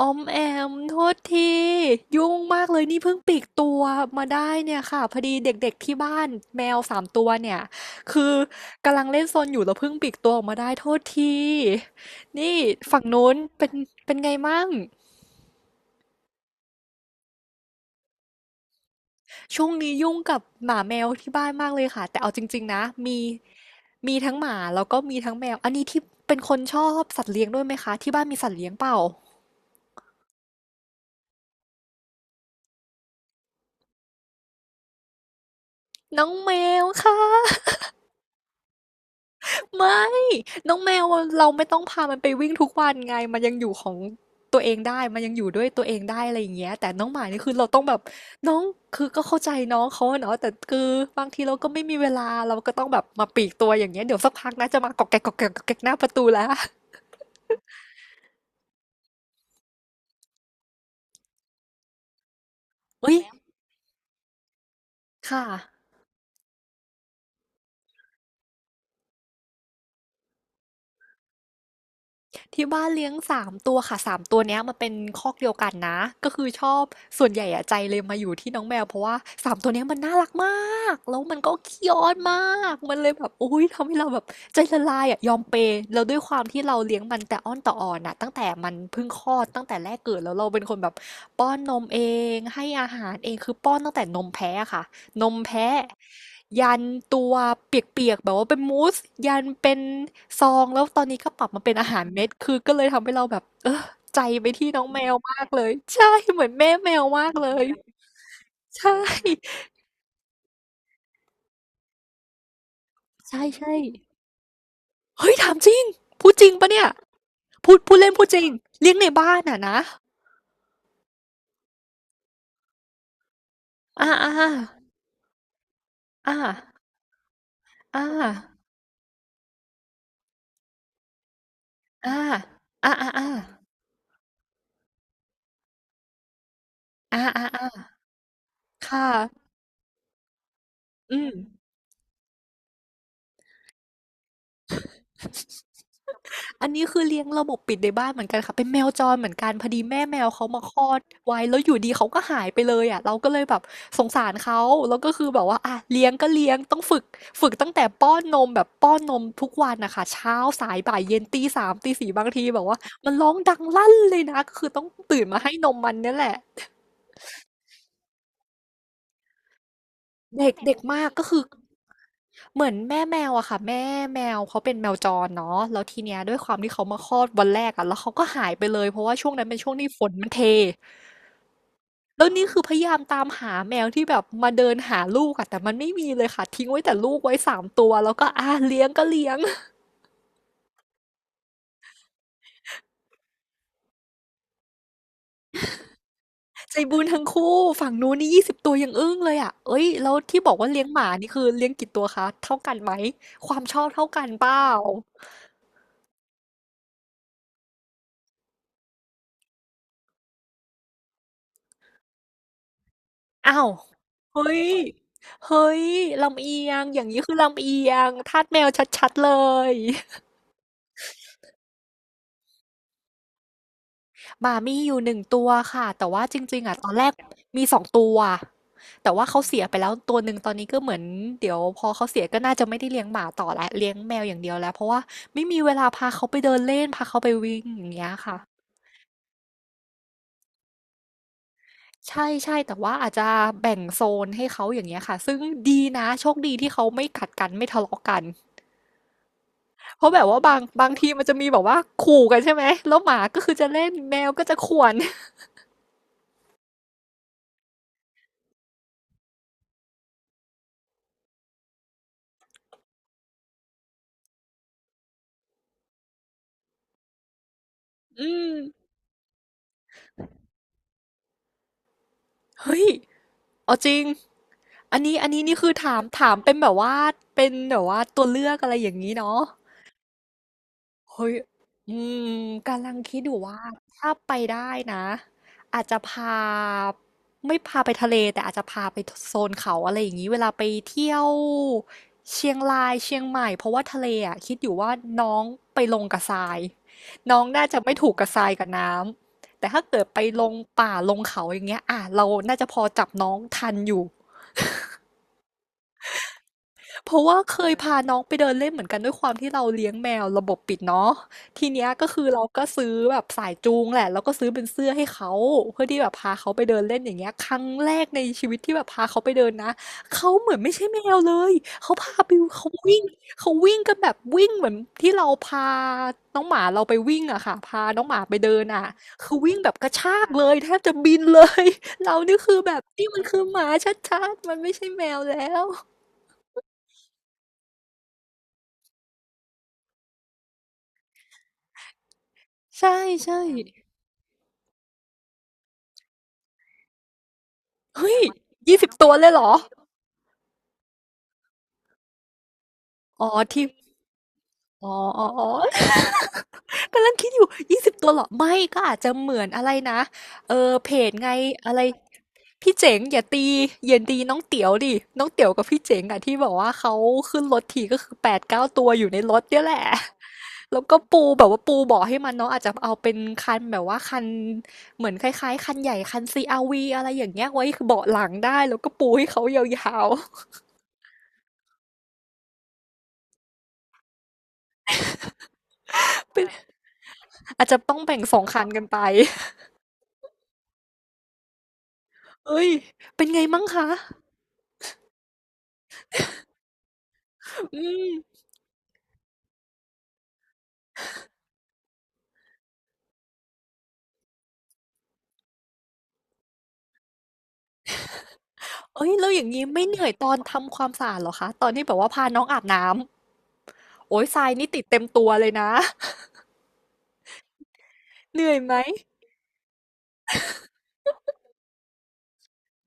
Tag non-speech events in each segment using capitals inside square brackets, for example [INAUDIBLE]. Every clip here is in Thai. ออมแอมโทษทียุ่งมากเลยนี่เพิ่งปลีกตัวมาได้เนี่ยค่ะพอดีเด็กๆที่บ้านแมวสามตัวเนี่ยคือกำลังเล่นซนอยู่แล้วเพิ่งปลีกตัวออกมาได้โทษทีนี่ฝั่งนู้นเป็นไงมั่งช่วงนี้ยุ่งกับหมาแมวที่บ้านมากเลยค่ะแต่เอาจริงๆนะมีทั้งหมาแล้วก็มีทั้งแมวอันนี้ที่เป็นคนชอบสัตว์เลี้ยงด้วยไหมคะที่บ้านมีสัตว์เลี้ยงเปล่าน้องแมวค่ะ ไม่น้องแมวอะเราไม่ต้องพามันไปวิ่งทุกวันไงมันยังอยู่ของตัวเองได้มันยังอยู่ด้วยตัวเองได้อะไรอย่างเงี้ยแต่น้องหมานี่คือเราต้องแบบน้องคือก็เข้าใจน้องเขาอะเนาะแต่คือบางทีเราก็ไม่มีเวลาเราก็ต้องแบบมาปลีกตัวอย่างเงี้ยเดี๋ยวสักพักนะจะมากอกแกกกอกแกกกอกแกกหน้าประตูแล้วเอ้ยค่ะ ที่บ้านเลี้ยงสามตัวค่ะสามตัวเนี้ยมันเป็นคอกเดียวกันนะก็คือชอบส่วนใหญ่อะใจเลยมาอยู่ที่น้องแมวเพราะว่าสามตัวเนี้ยมันน่ารักมากแล้วมันก็ขี้อ้อนมากมันเลยแบบอุ้ยทำให้เราแบบใจละลายอะยอมเปย์แล้วด้วยความที่เราเลี้ยงมันแต่อ้อนต่ออ่อนอะตั้งแต่มันเพิ่งคลอดตั้งแต่แรกเกิดแล้วเราเป็นคนแบบป้อนนมเองให้อาหารเองคือป้อนตั้งแต่นมแพ้อะค่ะ นมแพะยันตัวเปียกๆแบบว่าเป็นมูสยันเป็นซองแล้วตอนนี้ก็ปรับมาเป็นอาหารเม็ดคือก็เลยทำให้เราแบบเออใจไปที่น้องแมวมากเลยใช่เหมือนแม่แมวมากเลยใช่ใช่ใช่เฮ้ยถามจริงพูดจริงปะเนี่ยพูดเล่นพูดจริงเลี้ยงในบ้านอ่ะนะอ่าอ่าอ่าอ่าอ่าอ่าอ่าอ่าอ่าอ่าอ่าค่ะอืม อันนี้คือเลี้ยงระบบปิดในบ้านเหมือนกันค่ะเป็นแมวจรเหมือนกันพอดีแม่แมวเขามาคลอดไว้แล้วอยู่ดีเขาก็หายไปเลยอ่ะเราก็เลยแบบสงสารเขาแล้วก็คือแบบว่าอ่ะเลี้ยงก็เลี้ยงต้องฝึกตั้งแต่ป้อนนมแบบป้อนนมทุกวันนะคะเช้าสายบ่ายเย็นตีสามตีสี่บางทีแบบว่ามันร้องดังลั่นเลยนะก็คือต้องตื่นมาให้นมมันเนี่ยแหละเด็กเด็กมากก็คือ เหมือนแม่แมวอะค่ะแม่แมวเขาเป็นแมวจรเนาะแล้วทีเนี้ยด้วยความที่เขามาคลอดวันแรกอะแล้วเขาก็หายไปเลยเพราะว่าช่วงนั้นเป็นช่วงที่ฝนมันเทแล้วนี่คือพยายามตามหาแมวที่แบบมาเดินหาลูกอะแต่มันไม่มีเลยค่ะทิ้งไว้แต่ลูกไว้สามตัวแล้วก็อาเลี้ยงก็เลี้ยง [LAUGHS] ใจบุญทั้งคู่ฝั่งนู้นนี่ยี่สิบตัวยังอึ้งเลยอะเอ้ยแล้วที่บอกว่าเลี้ยงหมานี่คือเลี้ยงกี่ตัวคะเท่ากันไหมความชอบเท่ากันเปล่า อ้าวเฮ้ย เฮ้ยลำเอียงอย่างนี้คือลำเอียงทาสแมวชัดๆเลยหมามีอยู่หนึ่งตัวค่ะ แต่ว่าจริงๆอะตอนแรกมีสองตัวแต่ว่าเขาเสียไปแล้วตัวหนึ่งตอนนี้ก็เหมือนเดี๋ยวพอเขาเสียก็น่าจะไม่ได้เลี้ยงหมาต่อแล้วเลี้ยงแมวอย่างเดียวแล้วเพราะว่าไม่มีเวลาพาเขาไปเดินเล่นพาเขาไปวิ่งอย่างเงี้ยค่ะ ใช่ๆแต่ว่าอาจจะแบ่งโซนให้เขาอย่างเงี้ยค่ะซึ่งดีนะโชคดีที่เขาไม่ขัดกันไม่ทะเลาะกัน เพราะแบบว่าบางทีมันจะมีแบบว่าขู่กันใช่ไหม แล้วหมาก็คือจะเล่นแมวก็จะข่วน [LAUGHS] อืม เฮ้ย เอาจริงอันนี้นี่คือถามเป็นแบบว่าตัวเลือกอะไรอย่างนี้เนาะ เฮ้ย อืมกำลังคิดอยู่ว่าถ้าไปได้นะอาจจะพาไม่พาไปทะเลแต่อาจจะพาไปโซนเขาอะไรอย่างนี้เวลาไปเที่ยวเชียงรายเชียงใหม่เพราะว่าทะเลอ่ะคิดอยู่ว่าน้องไปลงกับทรายน้องน่าจะไม่ถูกกับทรายกับน้ำแต่ถ้าเกิดไปลงป่าลงเขาอย่างเงี้ยอ่ะเราน่าจะพอจับน้องทันอยู่ เพราะว่าเคยพาน้องไปเดินเล่นเหมือนกันด้วยความที่เราเลี้ยงแมวระบบปิดเนาะทีเนี้ยก็คือเราก็ซื้อแบบสายจูงแหละแล้วก็ซื้อเป็นเสื้อให้เขาเพื่อที่แบบพาเขาไปเดินเล่นอย่างเงี้ยครั้งแรกในชีวิตที่แบบพาเขาไปเดินนะเขาเหมือนไม่ใช่แมวเลยเขาพาไปเขาวิ่งเขาวิ่งกันแบบวิ่งเหมือนที่เราพาน้องหมาเราไปวิ่งอะค่ะพาน้องหมาไปเดินอะคือวิ่งแบบกระชากเลยแทบจะบินเลย [LAUGHS] เรานี่คือแบบนี่มันคือหมาชัดๆมันไม่ใช่แมวแล้ว ใช่เฮ้ยยี่สิ0ตัวเลยเหรออ๋อที่อ๋อๆๆ [LAUGHS] กำลังคิดอยู่ยี่สิบตัวเหรอไม่ก็อาจจะเหมือนอะไรนะเพจไงอะไรพี่เจ๋งอย่าตีอย่าตีน้องเตี๋ยวดิน้องเตี๋ยวกับพี่เจ๋งอะที่แบบว่าเขาขึ้นรถทีก็คือ8-9ตัวอยู่ในรถเนี่ยแหละแล้วก็ปูแบบว่าปูเบาะให้มันเนาะอาจจะเอาเป็นคันแบบว่าคันเหมือนคล้ายๆคันใหญ่คัน CRV อะไรอย่างเงี้ยไว้คเบาะหลังได้แล้วก็ปูให้เขายาวๆ [LAUGHS] เป็น อาจจะต้องแบ่งสองคันกันไปเอ้ยเป็นไงมั่งคะ อืมเอ้ยแล้วอย่างนี้ไม่เหนื่อยตอนทำความสะอาดเหรอคะตอนที่แบบว่าพาน้องอาบน้ำโอ้ยทรายนี่ติดเต็มตัวเลยนะเหนื่อยไหม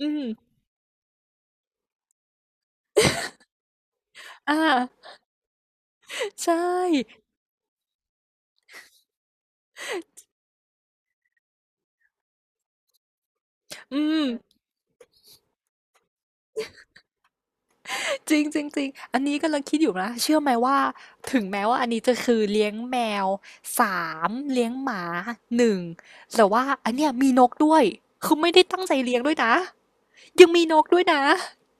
อืมอ่าใช่อืมจริงจริงจริงอันนี้กำลังคิดอยู่นะเชื่อไหมว่า ถึงแม้ว่าอันนี้จะคือเลี้ยงแมวสามเลี้ยงหมาหนึ่งแต่ว่าอันเนี้ยมีนกด้วยคือไม่ได้ตั้งใจเลี้ยงด้วยนะ ยังมีนกด้วยนะ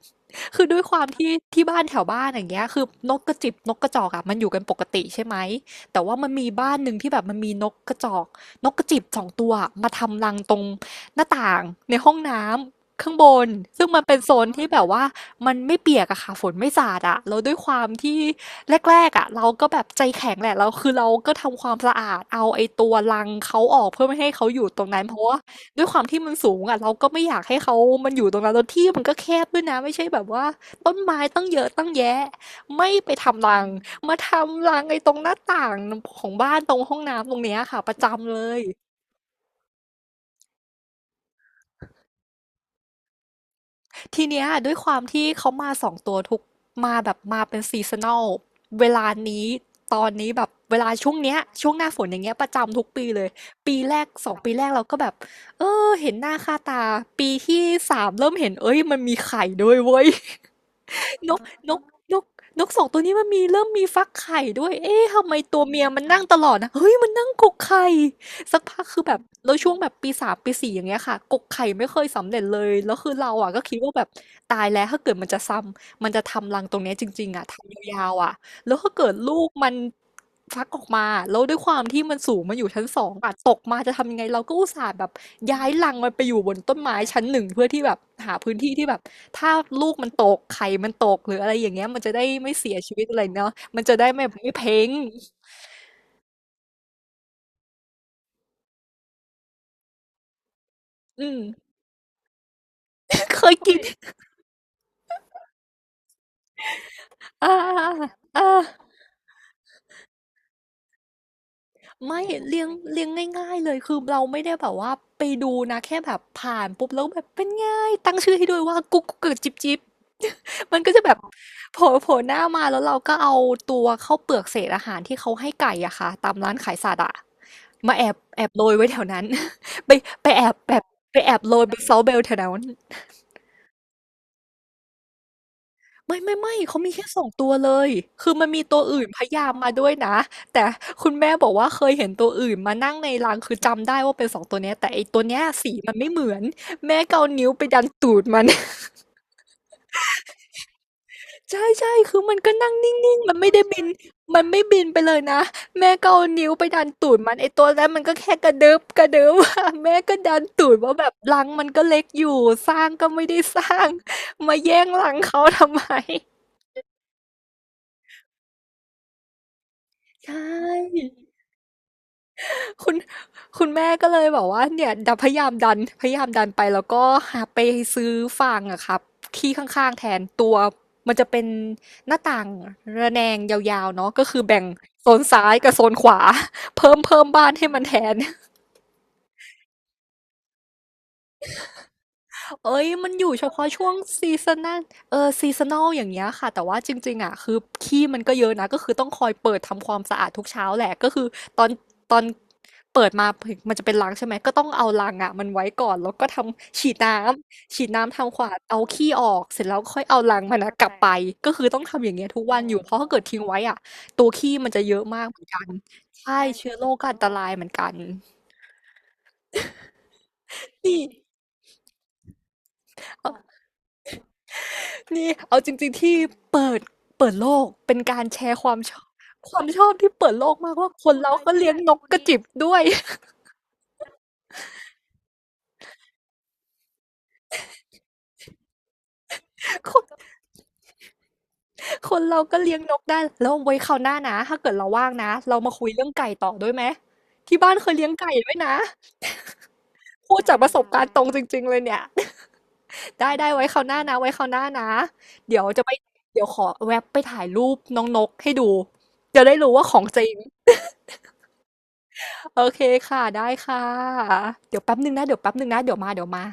[LAUGHS] คือด้วยความที่ที่บ้านแถวบ้านอย่างเงี้ยคือนกกระจิบนกกระจอกอ่ะมันอยู่กันปกติใช่ไหมแต่ว่ามันมีบ้านหนึ่งที่แบบมันมีนกกระจอกนกกระจิบสองตัวอะมาทำรังตรงหน้าต่างในห้องน้ำข้างบนซึ่งมันเป็นโซนที่แบบว่ามันไม่เปียกอะค่ะฝนไม่สาดอะแล้วด้วยความที่แรกๆอะเราก็แบบใจแข็งแหละเราคือเราก็ทำความสะอาดเอาไอ้ตัวรังเขาออกเพื่อไม่ให้เขาอยู่ตรงนั้นเพราะว่า ด้วยความที่มันสูงอ่ะเราก็ไม่อยากให้เขามันอยู่ตรงนั้นแล้วที่มันก็แคบด้วยนะไม่ใช่แบบว่าต้นไม้ตั้งเยอะตั้งแยะไม่ไปทำรังมาทำรังไอ้ตรงหน้าต่างของบ้านตรงห้องน้ำตรงเนี้ยค่ะประจำเลยทีเนี้ยด้วยความที่เขามาสองตัวทุกมาแบบมาเป็นซีซันอลเวลานี้ตอนนี้แบบเวลาช่วงเนี้ยช่วงหน้าฝนอย่างเงี้ยประจำทุกปีเลยปีแรกสองปีแรกเราก็แบบเออเห็นหน้าค่าตาปีที่สามเริ่มเห็นเอ้ยมันมีไข่ด้วยเว้ย นกนกนกนกสองตัวนี้มันมีเริ่มมีฟักไข่ด้วยเอ๊ะทำไมตัวเมียมันนั่งตลอดนะเฮ้ยมันนั่งกกไข่สักพักคือแบบแล้วช่วงแบบปีสามปีสี่อย่างเงี้ยค่ะกกไข่ไม่เคยสำเร็จเลยแล้วคือเราอ่ะก็คิดว่าแบบตายแล้วถ้าเกิดมันจะซ้ำมันจะทำรังตรงเนี้ยจริงๆอ่ะทำยาวๆอ่ะ แล้วถ้าเกิดลูกมันฟักออกมาแล้วด้วยความที่มันสูงมันอยู่ชั้นสองอะตกมาจะทำยังไงเราก็อุตส่าห์แบบย้ายรังมันไปอยู่บนต้นไม้ชั้นหนึ่งเพื่อที่แบบหาพื้นที่ที่แบบถ้าลูกมันตกไข่มันตกหรืออะไรอย่างเงี้ยมันจะได้ไม่เสียชีวิตอะไรเนาะมันจะได้ไม่เพ้งอืม [LAUGHS] เคยกินอ่าอ่าไม่เลี้ยงง่ายๆเลยคือเราไม่ได้แบบว่าไปดูนะแค่แบบผ่านปุ๊บแล้วแบบเป็นไง่ายตั้งชื่อให้ด้วยว่ากุ๊กกุ๊กกับจิ๊บจิ๊บ มันก็จะแบบโผล่หน้ามาแล้วเราก็เอาตัวข้าวเปลือกเศษอาหารที่เขาให้ไก่อะค่ะตามร้านขายสัตว์อะมาแอบโรยไว้แถวนั้น [LAUGHS] ไปไปแอบแบบไปแอบโรยไปเซาเบลแถวนั้นไม่เขามีแค่สองตัวเลยคือมันมีตัวอื่นพยายามมาด้วยนะแต่คุณแม่บอกว่าเคยเห็นตัวอื่นมานั่งในรังคือจำได้ว่าเป็นสองตัวเนี้ยแต่ไอตัวเนี้ยสีมันไม่เหมือนแม่ก็เอานิ้วไปดันตูดมัน ใช่คือมันก็นั่งนิ่งๆ มันไม่ได้บินมันไม่บินไปเลยนะแม่ก็เอานิ้วไปดันตูดมันไอ้ตัวนั้นมันก็แค่กระดึ๊บกระดึ๊บ [LAUGHS] อะแม่ก็ดันตูดว่าแบบรังมันก็เล็กอยู่สร้างก็ไม่ได้สร้างมาแย่งรังเขาทำไม [LAUGHS] ใช่ คุณ คุณแม่ก็เลยบอกว่าเนี่ยดันพยายามดันไปแล้วก็หาไปซื้อฟางอะครับที่ข้างๆแทนตัวมันจะเป็นหน้าต่าง ระแนงยาวๆเนาะก็คือแบ่งโซนซ้ายกับโซนขวา เพิ่มบ้านให้มันแทน เอ้ยมันอยู่เฉพาะช่วงซีซันนัลเออซีซันอลอย่างเงี้ยค่ะแต่ว่าจริงๆอ่ะคือขี้มันก็เยอะนะก็คือต้องคอยเปิดทำความสะอาดทุกเช้าแหละก็คือตอนตอนเปิดมามันจะเป็นรังใช่ไหมก็ต้องเอารังอ่ะมันไว้ก่อนแล้วก็ทำฉีดน้ำทำควาดเอาขี้ออกเสร็จแล้วค่อยเอารังมันนะกลับไปก็คือต้องทำอย่างเงี้ยทุกวันอยู่เพราะถ้าเกิดทิ้งไว้อ่ะตัวขี้มันจะเยอะมากเหมือนกันใช่เชื้อโรคก็อันตรายเหมือนกันนี่ นี่เอาจริงๆที่เปิดเปิดโลกเป็นการแชร์ความชอบที่เปิดโลกมากว่าคนเราก็เลี้ยงนกกระจิบด้วย [LAUGHS] คนคนเราก็เลี้ยงนกได้แล้วไว้คราวหน้านะถ้าเกิดเราว่างนะเรามาคุยเรื่องไก่ต่อด้วยไหมที่บ้านเคยเลี้ยงไก่ด้วยนะพูดจากประสบการณ์ตรงจริงๆเลยเนี่ย [LAUGHS] ได้ไว้คราวหน้านะไว้คราวหน้านะเดี๋ยวจะไปเดี๋ยวขอแวบไปถ่ายรูปน้องนกให้ดูจะได้รู้ว่าของจริงโอเคค่ะได้ค่ะเดี๋ยวแป๊บหนึงนะเดี๋ยวแป๊บหนึงนะเดี๋ยวมา